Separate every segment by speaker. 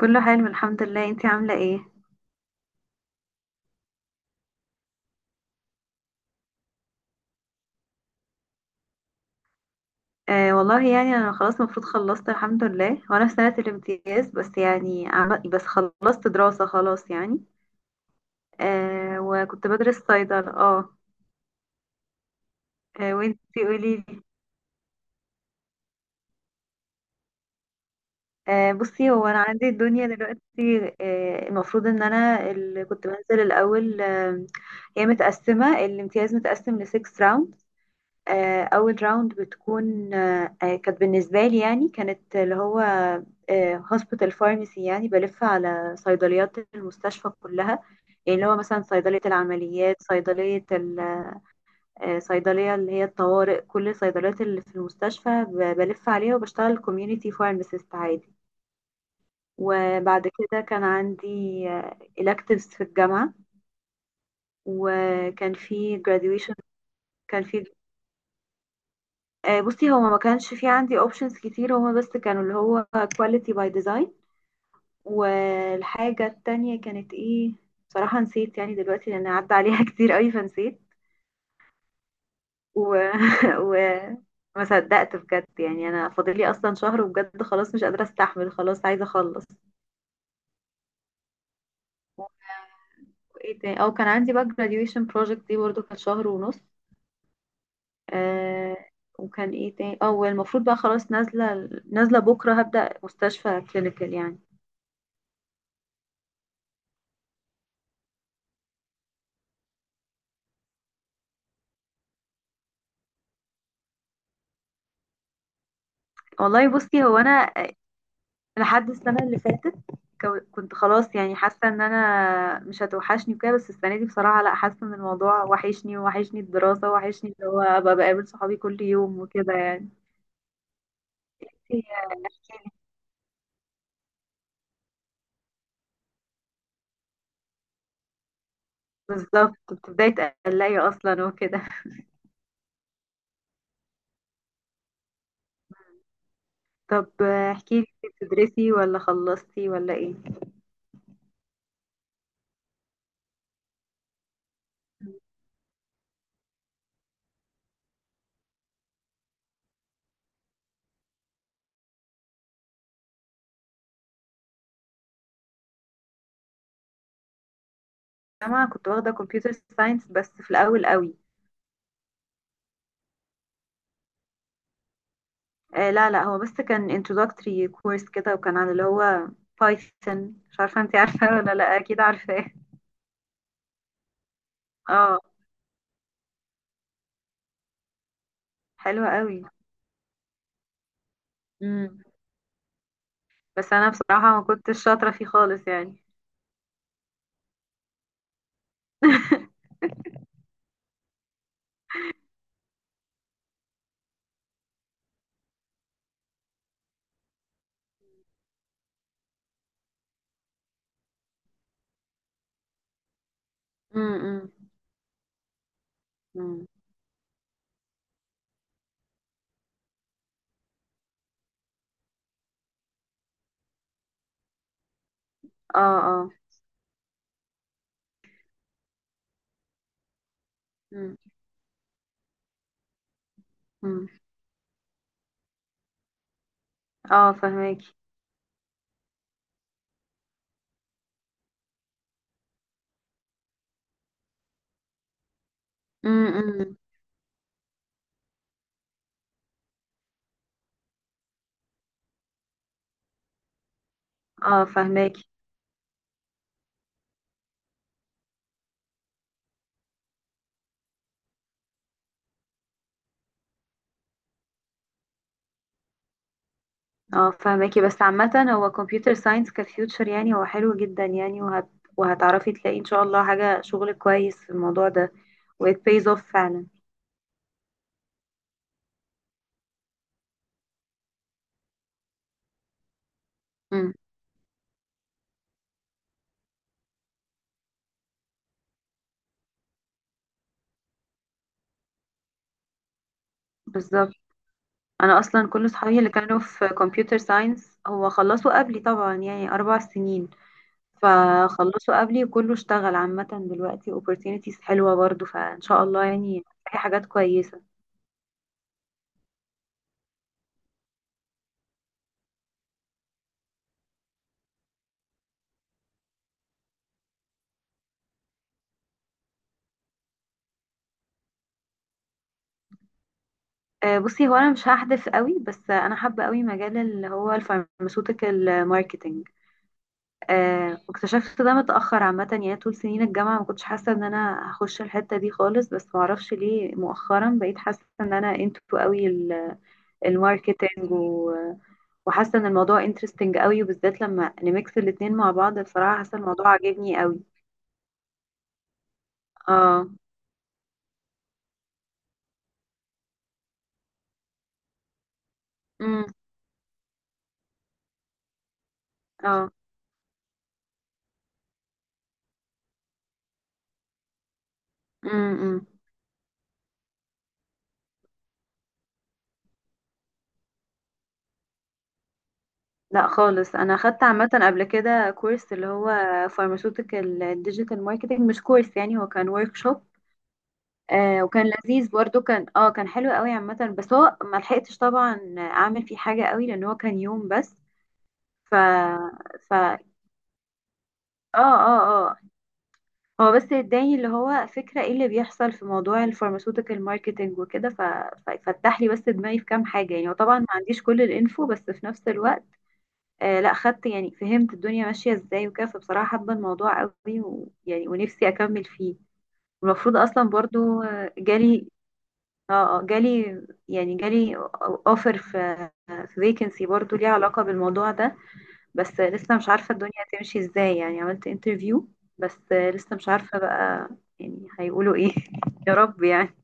Speaker 1: كله حلو الحمد لله، انتي عاملة ايه؟ والله يعني انا خلاص المفروض خلصت الحمد لله، وانا في سنة الامتياز، بس يعني بس خلصت دراسة خلاص يعني. وكنت بدرس صيدلة. اه آه، وانتي قوليلي. آه، بصي هو انا عندي الدنيا دلوقتي، المفروض ان انا اللي كنت بنزل الاول. هي متقسمة، الامتياز متقسم ل 6 rounds. اول راوند بتكون، كانت بالنسبه لي يعني، كانت اللي هو هوسبيتال فارماسي، يعني بلف على صيدليات المستشفى كلها، يعني اللي هو مثلا صيدليه العمليات، صيدليه صيدليه اللي هي الطوارئ، كل الصيدليات اللي في المستشفى بلف عليها وبشتغل كوميونتي فارماسيست عادي. وبعد كده كان عندي electives في الجامعه، وكان في graduation. كان في بصي، هو ما كانش في عندي اوبشنز كتير، هما بس كانوا اللي هو كواليتي باي ديزاين. والحاجة التانية كانت ايه؟ بصراحة نسيت يعني دلوقتي لان عدى عليها كتير قوي فنسيت. و... و... ما صدقت بجد، يعني انا فاضلي اصلا شهر وبجد خلاص مش قادرة استحمل خلاص عايزة اخلص. وايه تاني؟ او كان عندي بقى graduation project، دي برضو كانت شهر ونص. آه. وكان ايه تاني؟ اه والمفروض بقى خلاص نازلة بكرة هبدأ مستشفى كلينيكال يعني. والله بصي، هو انا لحد السنة اللي فاتت كنت خلاص يعني حاسة ان انا مش هتوحشني وكده، بس السنة دي بصراحة لا، حاسة ان الموضوع وحشني، ووحشني الدراسة، وحشني اللي هو ابقى بقابل صحابي كل يوم وكده يعني. بالظبط، بتبداي تقلقي اصلا وكده. طب احكي لي، بتدرسي ولا خلصتي ولا ايه؟ انا كنت واخدة كمبيوتر ساينس بس في الاول قوي. آه، لا لا، هو بس كان introductory course كده، وكان على اللي هو بايثون، مش عارفة انت عارفة ولا لا، اكيد عارفاه. اه. حلو قوي. امم. بس انا بصراحة ما كنتش شاطرة فيه خالص يعني. امم. امم. اه اه امم. امم. اه فهماكي. امم. اه فهماكي. اه فهماكي، بس عامة هو كمبيوتر ساينس كفيوتشر يعني، هو حلو جدا يعني، وهتعرفي تلاقي ان شاء الله حاجة شغل كويس في الموضوع ده، و it pays off فعلا. امم. بالظبط. انا اصلا كل صحابي اللي كانوا في كمبيوتر ساينس هو خلصوا قبلي طبعا يعني، اربع سنين. فخلصوا قبلي وكله اشتغل، عامة دلوقتي opportunities حلوة برضو، فإن شاء الله يعني في حاجات كويسة. آه، بصي هو أنا مش هحدث قوي، بس أنا حابة قوي مجال اللي هو الفارماسيوتيكال ماركتينج. واكتشفت ده متأخر عامة، يعني طول سنين الجامعة ما كنتش حاسة إن أنا هخش الحتة دي خالص، بس معرفش ليه مؤخرا بقيت حاسة إن أنا انتو قوي الماركتينج، وحاسة إن الموضوع انترستنج قوي، وبالذات لما نميكس الاتنين مع بعض، بصراحة حاسة الموضوع عاجبني قوي. اه. امم. اه. امم. لا خالص، انا خدت عامه قبل كده كورس اللي هو فارماسيوتيكال ديجيتال ماركتنج، مش كورس يعني، هو كان ورك شوب. وكان لذيذ برضو، كان كان حلو قوي عامه، بس هو ما لحقتش طبعا اعمل فيه حاجه قوي لان هو كان يوم بس. ف ف اه اه اه. هو بس اداني اللي هو فكره ايه اللي بيحصل في موضوع الفارماسيوتيكال ماركتنج وكده، ففتح لي بس دماغي في كام حاجه يعني، وطبعا ما عنديش كل الانفو بس في نفس الوقت لا خدت يعني، فهمت الدنيا ماشية ازاي وكده، فبصراحة حابة الموضوع قوي ويعني ونفسي اكمل فيه. والمفروض اصلا برضو جالي، اه جالي، يعني جالي اوفر في فيكنسي برضو ليها علاقة بالموضوع ده، بس لسه مش عارفة الدنيا هتمشي ازاي، يعني عملت انترفيو، بس لسه مش عارفة بقى يعني هيقولوا ايه يا رب يعني.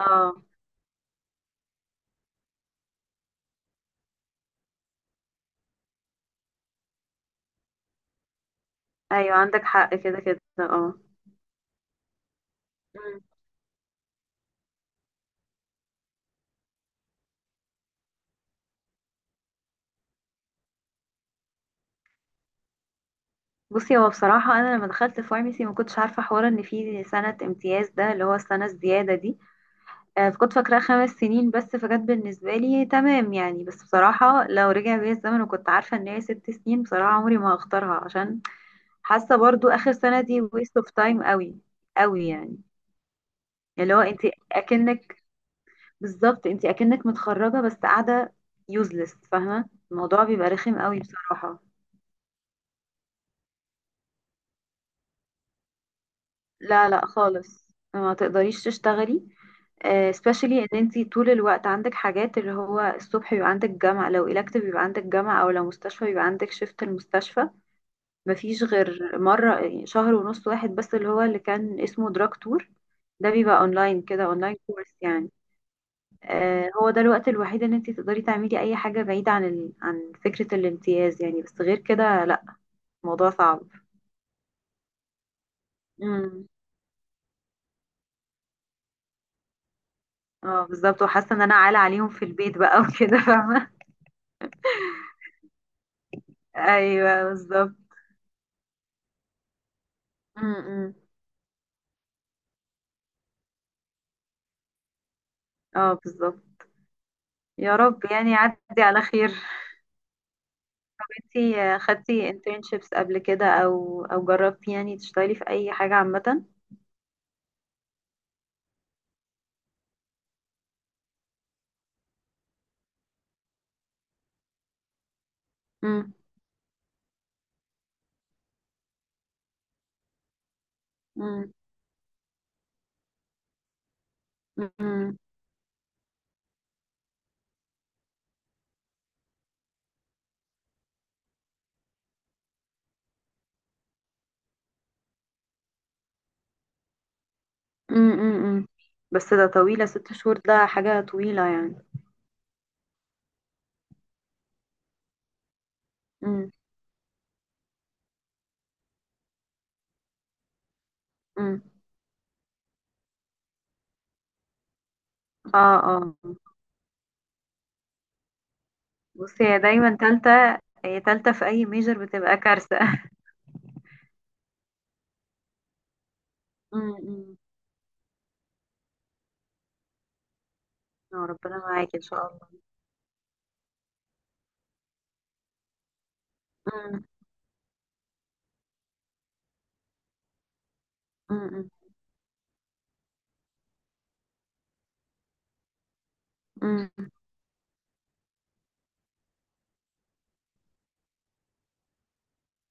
Speaker 1: اه ايوه عندك حق، كده كده اه. بصي هو بصراحة أنا لما دخلت فارمسي ما كنتش عارفة حوار إن في سنة امتياز، ده اللي هو السنة الزيادة دي. فكنت فاكراها خمس سنين بس، فكانت بالنسبة لي تمام يعني، بس بصراحة لو رجع بيا الزمن وكنت عارفة إن هي ست سنين، بصراحة عمري ما هختارها، عشان حاسة برضو آخر سنة دي waste of time قوي، قوي يعني. اللي هو أنت أكنك، بالظبط، أنت أكنك متخرجة بس قاعدة useless، فاهمة الموضوع بيبقى رخم قوي بصراحة. لا لا خالص، ما تقدريش تشتغلي. آه، especially ان انتي طول الوقت عندك حاجات، اللي هو الصبح بيبقى عندك جامعة، لو elective بيبقى عندك جامعة، او لو مستشفى بيبقى عندك شيفت المستشفى. مفيش غير مرة يعني، شهر ونص واحد بس، اللي هو اللي كان اسمه دراج تور، ده بيبقى اونلاين، كده اونلاين كورس يعني. آه، هو ده الوقت الوحيد ان انتي تقدري تعملي اي حاجة بعيدة عن عن فكرة الامتياز يعني، بس غير كده لا، الموضوع صعب. امم. اه بالظبط، وحاسة ان انا عالة عليهم في البيت بقى وكده فاهمة. ايوه بالظبط. امم. اه بالظبط. يا رب يعني يعدي على خير. انتي خدتي internships قبل كده، او او جربتي يعني تشتغلي في اي حاجة عامة؟ مم. مم. مم. مم. مم. بس ده طويلة، ست شهور ده حاجة طويلة يعني. مم. مم. اه. اه. بصي هي دايما تالتة، هي تالتة في اي ميجر بتبقى كارثة مم. مم. اه ربنا معاكي ان شاء الله. مم. مم. مم.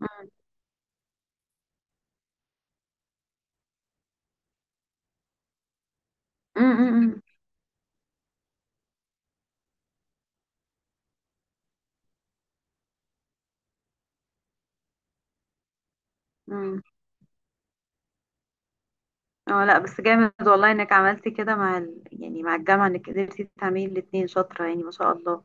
Speaker 1: مم. مم. مم. مم. اه لا بس جامد والله انك عملتي كده مع يعني مع الجامعة، انك قدرتي تعملي الاتنين، شاطرة يعني، ما شاء الله.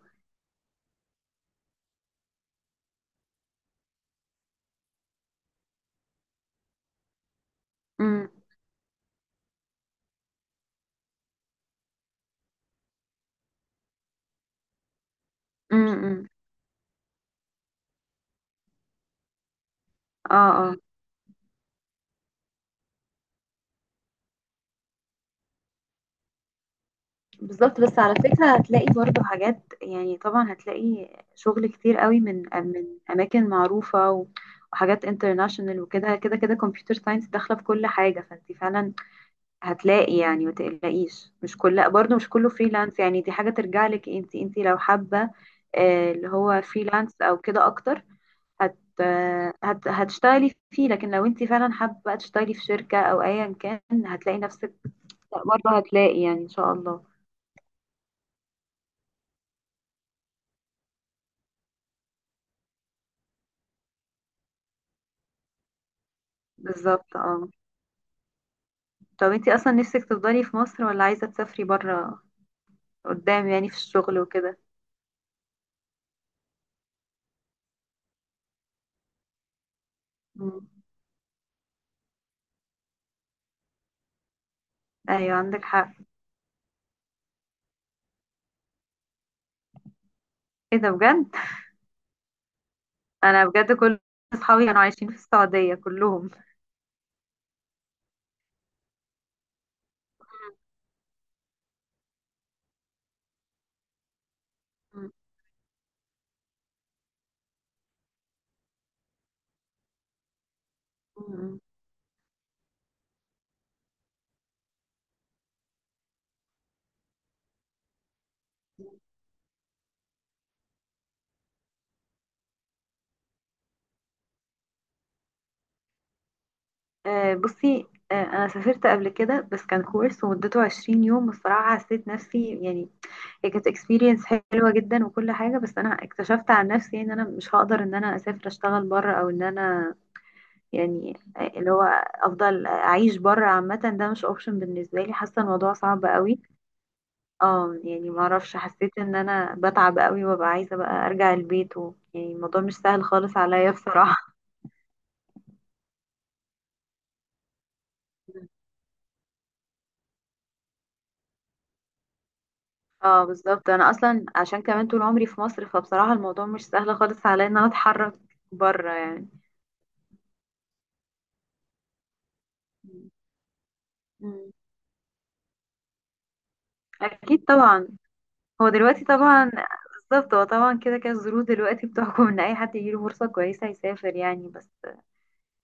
Speaker 1: امم. امم. اه. اه بالظبط. بس على فكرة هتلاقي برضو حاجات، يعني طبعا هتلاقي شغل كتير قوي من اماكن معروفة وحاجات انترناشونال وكده، كده كده كمبيوتر ساينس داخلة في كل حاجة، فانت فعلا هتلاقي يعني، ما تقلقيش، مش كل برضو مش كله فريلانس يعني، دي حاجة ترجع لك، انت انت لو حابة اللي هو فريلانس او كده اكتر هت... هتشتغلي فيه، لكن لو انت فعلا حابة بقى تشتغلي في شركة او ايا كان، هتلاقي نفسك برضه، هتلاقي يعني ان شاء الله. بالظبط اه. طب انت اصلا نفسك تفضلي في مصر ولا عايزة تسافري برا قدام يعني في الشغل وكده؟ مم. ايوه عندك حق، ايه ده بجد. انا بجد كل اصحابي كانوا عايشين في السعودية كلهم. مم. مم. آه، بصي، آه، انا سافرت قبل كده بس كان كورس ومدته 20 يوم، والصراحه حسيت نفسي يعني، هي كانت اكسبيرينس حلوه جدا وكل حاجه، بس انا اكتشفت عن نفسي ان انا مش هقدر ان انا اسافر اشتغل بره، او ان انا يعني اللي هو افضل اعيش بره عامه، ده مش اوبشن بالنسبه لي، حاسه الموضوع صعب قوي. اه يعني ما اعرفش، حسيت ان انا بتعب قوي وببقى عايزه بقى ارجع البيت يعني الموضوع مش سهل خالص عليا بصراحه. اه بالظبط، انا اصلا عشان كمان طول عمري في مصر، فبصراحه الموضوع مش سهل خالص عليا ان انا اتحرك بره يعني. مم. اكيد طبعا. هو دلوقتي طبعا، بالظبط، هو طبعا كده كده الظروف دلوقتي بتحكم ان اي حد يجيله فرصة كويسة يسافر يعني، بس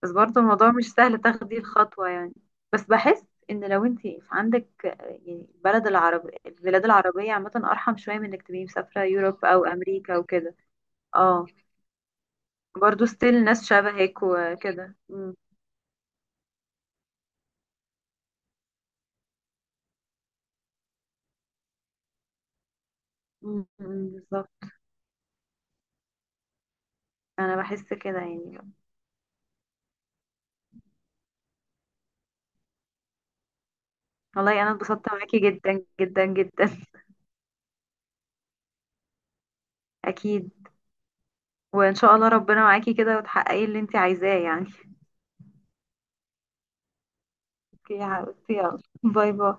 Speaker 1: بس برضه الموضوع مش سهل تاخدي الخطوة يعني. بس بحس ان لو انت عندك يعني البلد العربي، البلاد العربية عامة ارحم شوية من انك تبقي مسافرة يوروب او امريكا وكده. اه برضه ستيل ناس شبهك وكده. أمم، أمم، أمم، بالظبط. انا بحس كده يعني. والله انا اتبسطت معاكي جدا جدا جدا. اكيد، وان شاء الله ربنا معاكي كده وتحققي اللي انت عايزاه يعني. اوكي يا حبيبتي، يلا باي باي.